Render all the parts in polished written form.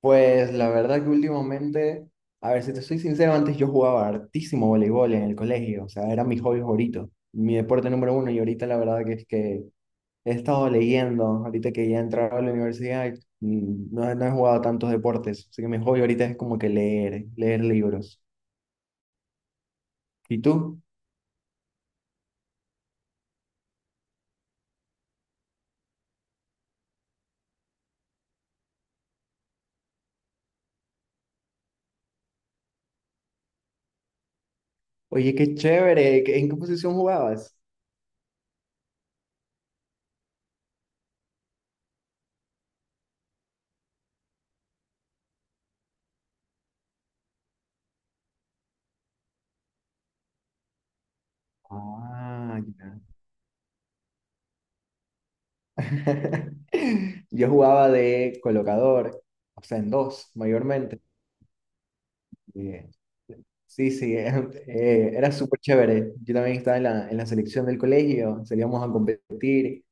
Pues la verdad que últimamente, a ver, si te soy sincero, antes yo jugaba hartísimo voleibol en el colegio, o sea, era mi hobby favorito, mi deporte número uno, y ahorita la verdad que es que he estado leyendo, ahorita que ya he entrado a la universidad, no, no he jugado tantos deportes, así que mi hobby ahorita es como que leer, leer libros. ¿Y tú? Oye, qué chévere, ¿en qué posición jugabas? Ah, ya. Yo jugaba de colocador, o sea, en dos, mayormente. Eh, Sí, sí, era súper chévere. Yo también estaba en en la selección del colegio, salíamos a competir,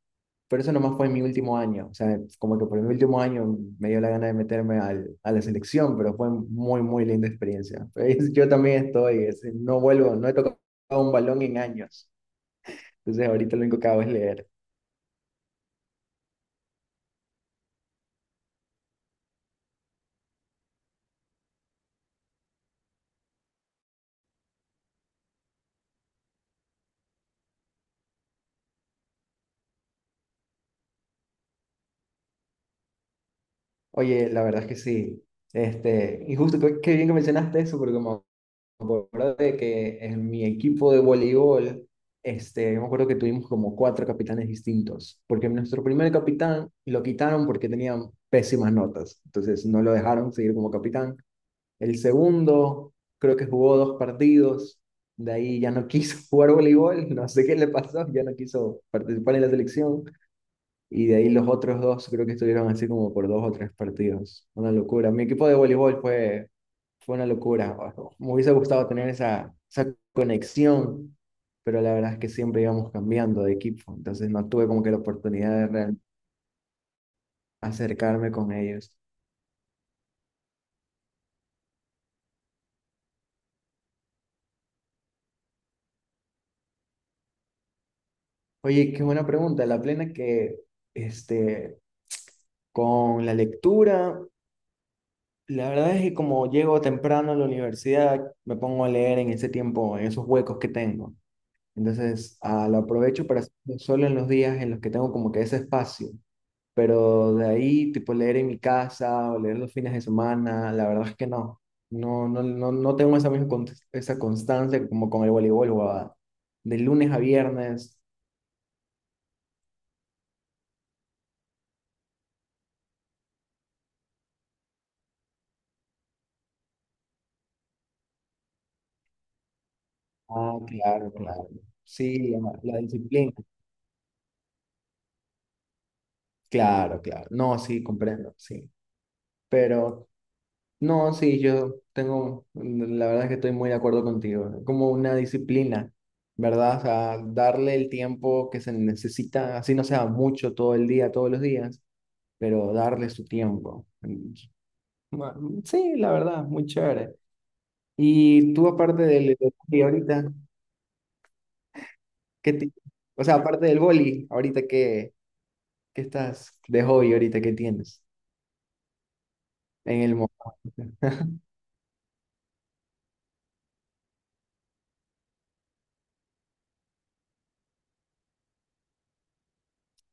pero eso nomás fue en mi último año. O sea, como que por mi último año me dio la gana de meterme a la selección, pero fue muy, muy linda experiencia. Pues, yo también estoy, no vuelvo, no he tocado un balón en años. Entonces ahorita lo único que hago es leer. Oye, la verdad es que sí. Este, y justo qué bien que mencionaste eso, porque como acuerdo de que en mi equipo de voleibol, este, yo me acuerdo que tuvimos como cuatro capitanes distintos, porque nuestro primer capitán lo quitaron porque tenía pésimas notas, entonces no lo dejaron seguir como capitán. El segundo creo que jugó dos partidos, de ahí ya no quiso jugar voleibol, no sé qué le pasó, ya no quiso participar en la selección. Y de ahí los otros dos creo que estuvieron así como por dos o tres partidos. Una locura. Mi equipo de voleibol fue una locura. Me hubiese gustado tener esa conexión, pero la verdad es que siempre íbamos cambiando de equipo. Entonces no tuve como que la oportunidad de acercarme con ellos. Oye, qué buena pregunta. La plena que este, con la lectura, la verdad es que como llego temprano a la universidad, me pongo a leer en ese tiempo, en esos huecos que tengo. Entonces, lo aprovecho para hacerlo solo en los días en los que tengo como que ese espacio. Pero de ahí, tipo leer en mi casa o leer los fines de semana, la verdad es que no. No, no, no, no tengo esa misma esa constancia como con el voleibol, huevada. De lunes a viernes. Ah, claro, claro. Sí, la disciplina. Claro, claro. No, sí, comprendo, sí. Pero no, sí, yo tengo, la verdad es que estoy muy de acuerdo contigo, como una disciplina, ¿verdad? O sea, darle el tiempo que se necesita, así no sea mucho todo el día, todos los días, pero darle su tiempo. Ma- Sí, la verdad, muy chévere. Y tú aparte del hobby ahorita, ¿qué ti- o sea, aparte del boli, qué estás de hobby ahorita qué tienes en el momento?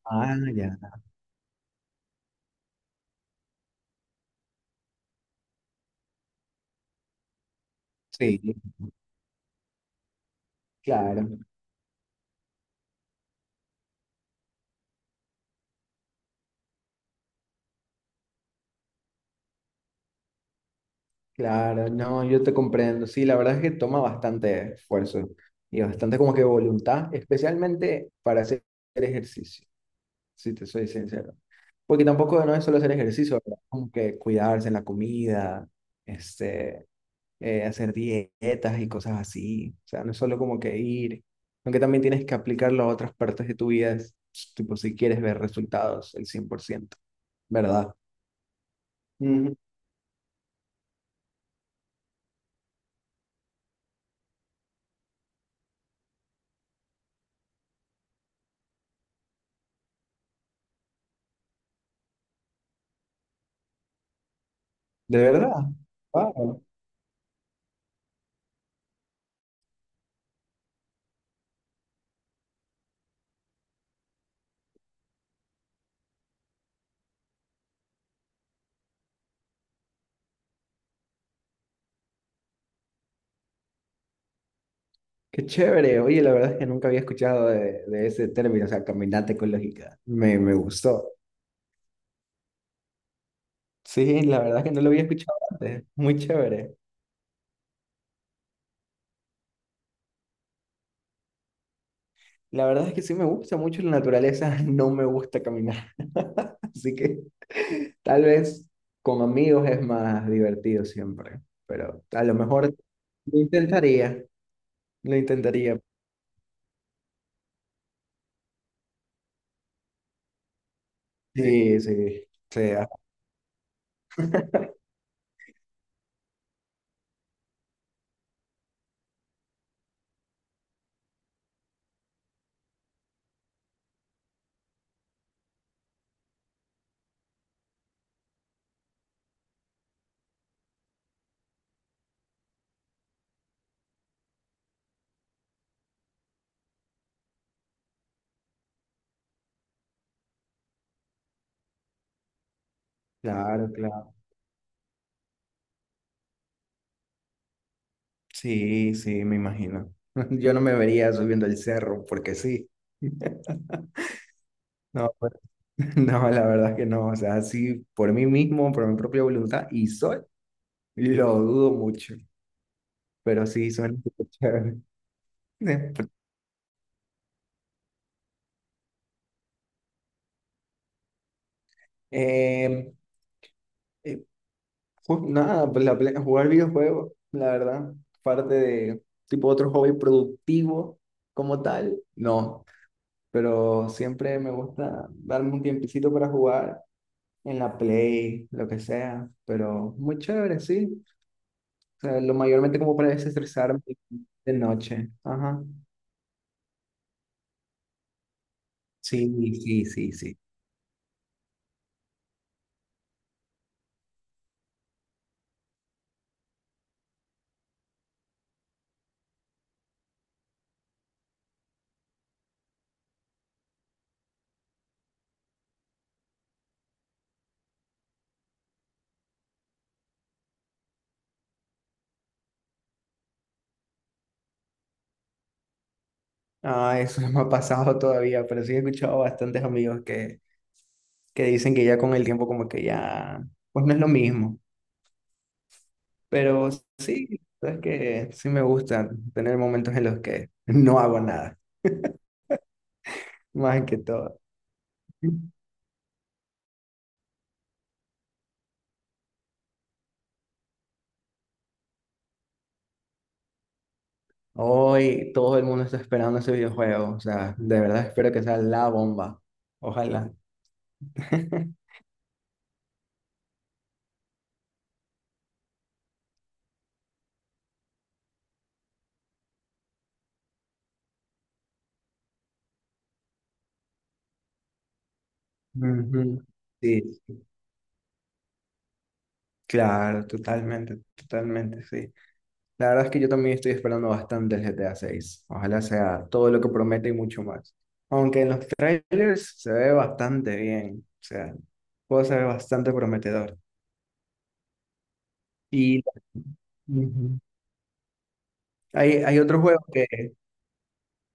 Ah, ya. Sí, claro. Claro, no, yo te comprendo. Sí, la verdad es que toma bastante esfuerzo y bastante como que voluntad, especialmente para hacer ejercicio, si te soy sincero. Porque tampoco no es solo hacer ejercicio, ¿verdad? Como que cuidarse en la comida, este, hacer dietas y cosas así. O sea, no es solo como que ir, aunque también tienes que aplicarlo a otras partes de tu vida, tipo si quieres ver resultados el 100%, ¿verdad? Ujú. ¿De verdad? Wow. Qué chévere. Oye, la verdad es que nunca había escuchado de ese término, o sea, caminata ecológica. Me gustó. Sí, la verdad es que no lo había escuchado antes. Muy chévere. La verdad es que sí me gusta mucho la naturaleza, no me gusta caminar. Así que tal vez con amigos es más divertido siempre, pero a lo mejor lo intentaría, lo intentaría. Sí, sí, sea. Claro, claro. Sí, sí, me imagino. Yo no me vería subiendo el cerro porque sí. No, pues, no, la verdad que no. O sea, sí, por mí mismo, por mi propia voluntad y sol, lo dudo mucho. Pero sí, suena súper chévere. Eh, eh, nada, pues jugar videojuegos, la verdad, parte de tipo otro hobby productivo como tal, no. Pero siempre me gusta darme un tiempecito para jugar en la Play, lo que sea, pero muy chévere, sí. O sea, lo mayormente como para desestresarme de noche. Ajá. Sí, sí, sí, sí. Ah, eso no me ha pasado todavía, pero sí he escuchado bastantes amigos que dicen que ya con el tiempo como que ya, pues no es lo mismo. Pero sí, es que sí me gusta tener momentos en los que no hago nada, más que todo. Hoy todo el mundo está esperando ese videojuego, o sea, de verdad espero que sea la bomba. Ojalá. Ujú. Sí, claro, totalmente, totalmente, sí. La verdad es que yo también estoy esperando bastante el GTA 6. Ojalá sea todo lo que promete y mucho más. Aunque en los trailers se ve bastante bien, o sea, el juego se ve bastante prometedor. Y ujú, hay otro juego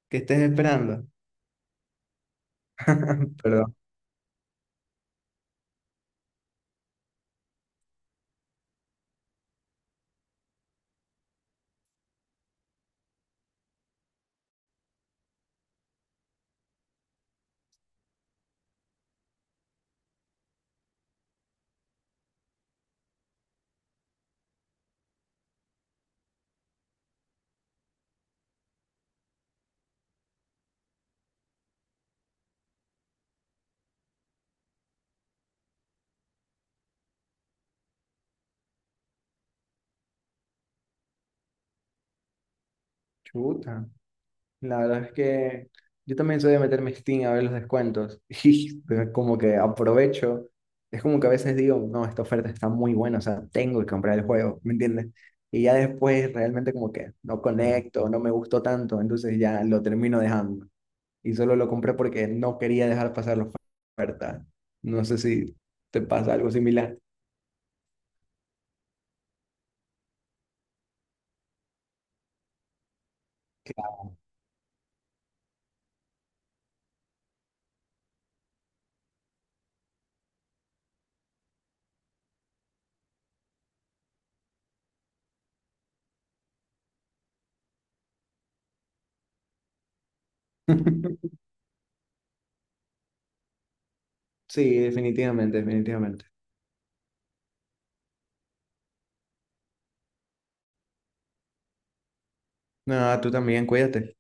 que estés esperando. Perdón. Chuta. La verdad es que yo también soy de meterme en Steam a ver los descuentos y como que aprovecho. Es como que a veces digo, no, esta oferta está muy buena, o sea, tengo que comprar el juego, ¿me entiendes? Y ya después realmente como que no conecto, no me gustó tanto, entonces ya lo termino dejando. Y solo lo compré porque no quería dejar pasar la oferta. No sé si te pasa algo similar. Sí, definitivamente, definitivamente. Nada, tú también, cuídate.